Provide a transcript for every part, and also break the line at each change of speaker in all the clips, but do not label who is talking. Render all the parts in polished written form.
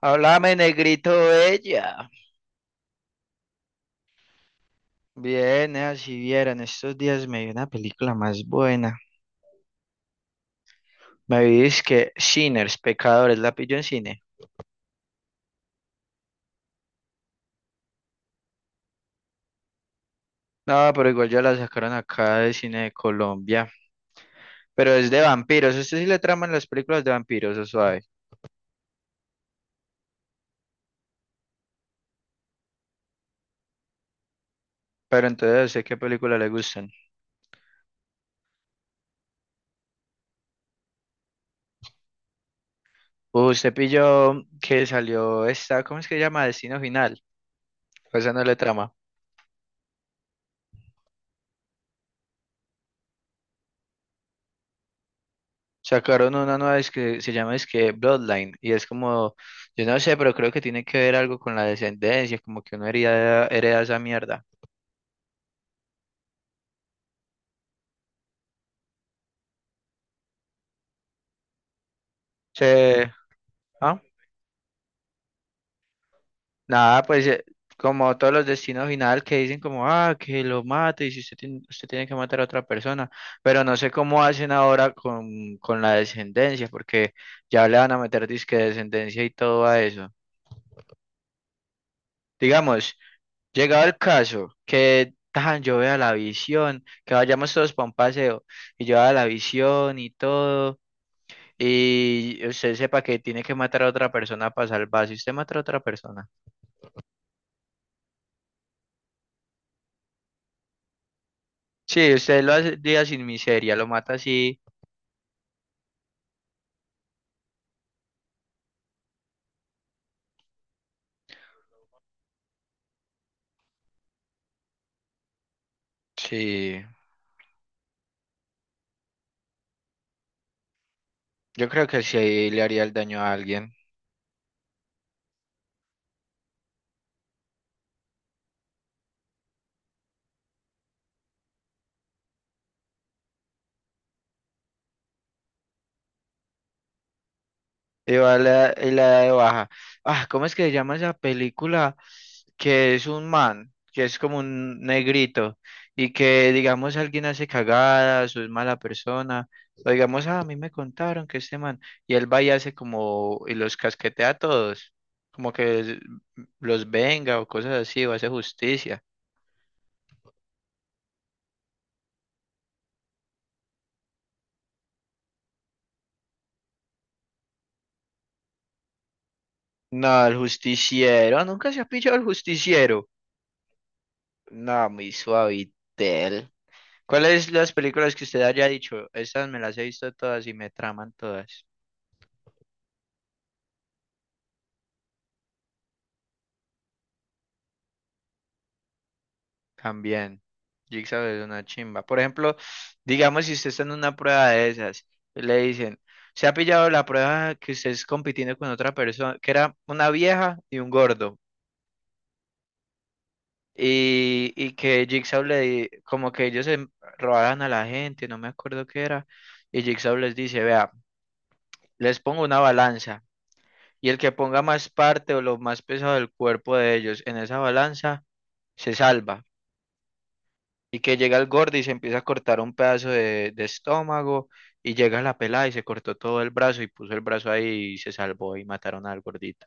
Háblame, negrito bella. Bien, si vieran, estos días me vi una película más buena. Me vi que Sinners, Pecadores, la pillo en cine. No, pero igual ya la sacaron acá de cine de Colombia. Pero es de vampiros. Usted sí le traman las películas de vampiros, o suave. Pero entonces, ¿sé qué película le gustan? Usted pilló que salió esta, ¿cómo es que se llama? Destino Final. Pues esa no le trama. Sacaron una nueva es que se llama es que Bloodline y es como, yo no sé, pero creo que tiene que ver algo con la descendencia, como que uno hereda esa mierda. Se, ah, nada, pues, como todos los destinos final que dicen como, ah, que lo mate y si usted tiene, usted tiene que matar a otra persona, pero no sé cómo hacen ahora con la descendencia, porque ya le van a meter disque descendencia y todo a eso. Digamos. Llegado el caso, que tan, yo vea la visión, que vayamos todos para un paseo, y yo vea la visión y todo, y usted sepa que tiene que matar a otra persona para salvarse, usted mata a otra persona. Sí, usted lo hace día sin miseria, lo mata así. Sí, yo creo que sí le haría el daño a alguien. Y va la, y la de baja. Ah, ¿cómo es que se llama esa película? Que es un man, que es como un negrito, y que digamos alguien hace cagadas o es mala persona, o digamos, "Ah, a mí me contaron que este man, y él va y hace como, y los casquetea a todos, como que los venga o cosas así, o hace justicia. No, el justiciero, nunca se ha pillado el justiciero. No, muy suavitel. ¿Cuáles las películas que usted haya dicho? Estas me las he visto todas y me traman todas. También. Jigsaw es una chimba. Por ejemplo, digamos si usted está en una prueba de esas, y le dicen, se ha pillado la prueba que usted es compitiendo con otra persona, que era una vieja y un gordo. Y que Jigsaw como que ellos se robaban a la gente, no me acuerdo qué era. Y Jigsaw les dice, vea, les pongo una balanza. Y el que ponga más parte o lo más pesado del cuerpo de ellos en esa balanza se salva. Y que llega el gordo y se empieza a cortar un pedazo de estómago. Y llega la pelada y se cortó todo el brazo y puso el brazo ahí y se salvó y mataron al gordito.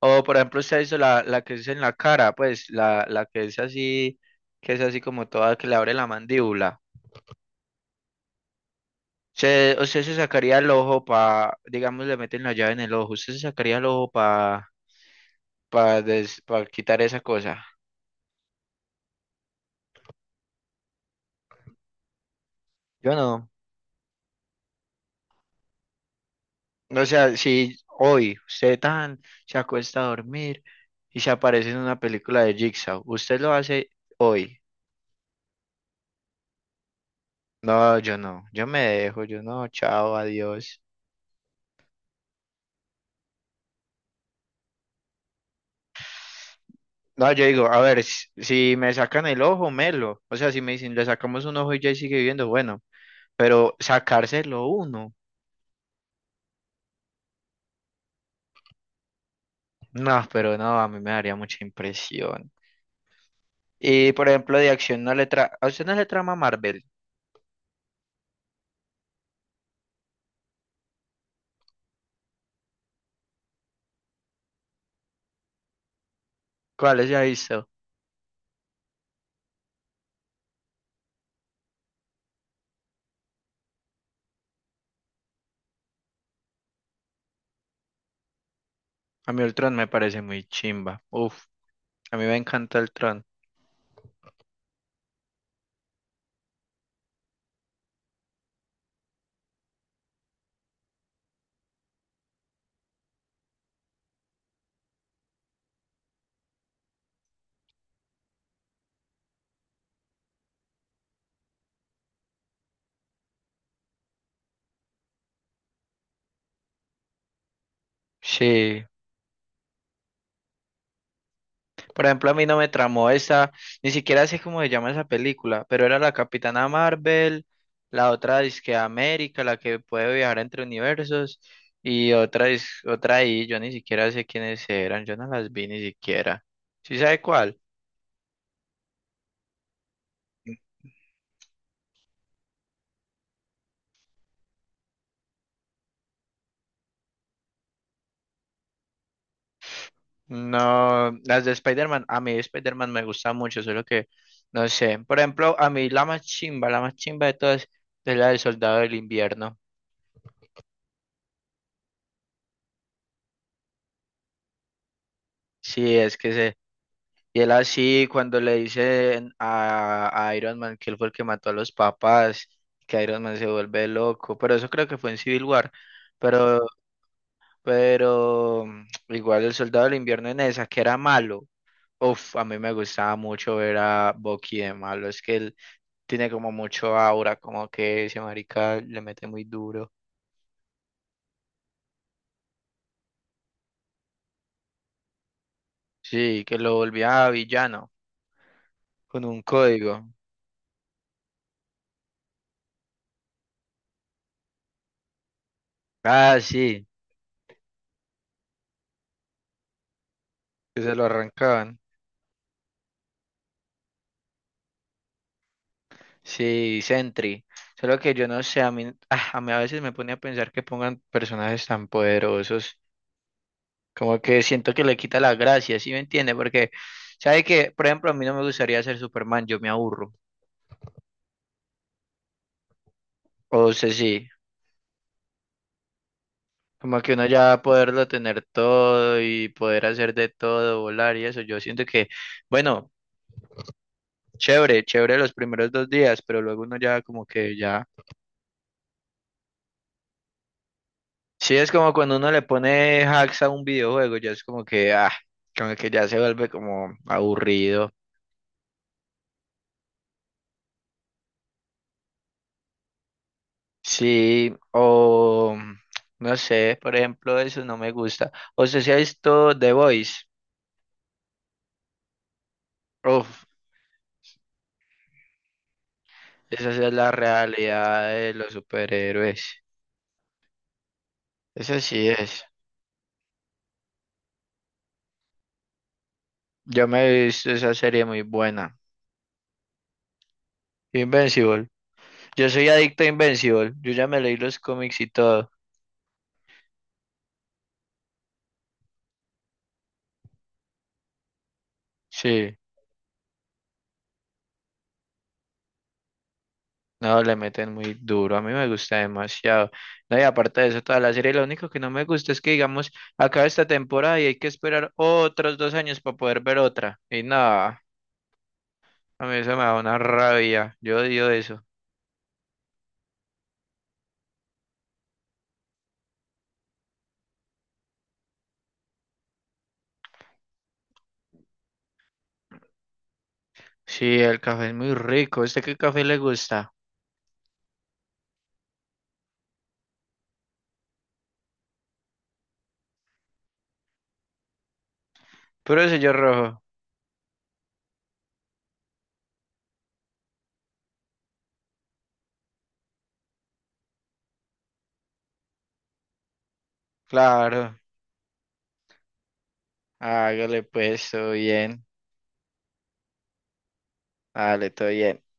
O por ejemplo, usted hizo la, la que es en la cara, pues la que es así como toda, que le abre la mandíbula. Usted se sacaría el ojo para, digamos, le meten la llave en el ojo. Usted se sacaría el ojo para quitar esa cosa. Yo no. O sea, si hoy usted tan se acuesta a dormir y se aparece en una película de Jigsaw, usted lo hace hoy. No, yo no, yo me dejo, yo no, chao, adiós. No, yo digo, a ver, si me sacan el ojo, melo. O sea, si me dicen, le sacamos un ojo y ya sigue viviendo, bueno, pero sacárselo uno. No, pero no, a mí me daría mucha impresión. Y por ejemplo, de acción no le tra... ¿A usted no le trama Marvel? ¿Cuál es ya visto? A mí Ultron me parece muy chimba. Uf. A mí me encanta el Tron. Sí. Por ejemplo, a mí no me tramó esa, ni siquiera sé cómo se llama esa película, pero era la Capitana Marvel, la otra disque América, la que puede viajar entre universos, y otra ahí, yo ni siquiera sé quiénes eran, yo no las vi ni siquiera. ¿Sí sabe cuál? No, las de Spider-Man, a mí Spider-Man me gusta mucho, solo que no sé. Por ejemplo, a mí la más chimba de todas es la del Soldado del Invierno. Sí, es que se Y él así, cuando le dicen a Iron Man que él fue el que mató a los papás, que Iron Man se vuelve loco, pero eso creo que fue en Civil War, pero, pero, igual el Soldado del Invierno en esa, que era malo, uf, a mí me gustaba mucho ver a Bucky de malo, es que él tiene como mucho aura, como que ese marica le mete muy duro, sí, que lo volvía villano, con un código, ah, sí, que se lo arrancaban. Sí, Sentry. Solo que yo no sé, a mí, ah, a mí a veces me pone a pensar que pongan personajes tan poderosos, como que siento que le quita la gracia, ¿sí me entiende? Porque, ¿sabe que Por ejemplo, a mí no me gustaría ser Superman, yo me aburro. O sea, sí, como que uno ya poderlo tener todo y poder hacer de todo, volar y eso, yo siento que, bueno, chévere, chévere los primeros 2 días, pero luego uno ya como que ya... Sí, es como cuando uno le pone hacks a un videojuego, ya es como que, ah, como que ya se vuelve como aburrido. Sí, o no sé, por ejemplo, eso no me gusta. O sea, si ha visto The Voice, uf, esa sí es la realidad de los superhéroes. Esa sí es. Yo me he visto esa serie muy buena. Invincible. Yo soy adicto a Invincible. Yo ya me leí los cómics y todo. Sí. No, le meten muy duro, a mí me gusta demasiado. No, y aparte de eso, toda la serie, lo único que no me gusta es que, digamos, acaba esta temporada y hay que esperar otros 2 años para poder ver otra. Y nada, a mí eso me da una rabia, yo odio eso. Sí, el café es muy rico, ¿a usted qué café le gusta? Puro sello rojo, claro, hágale pues, todo bien, hágale, todo bien.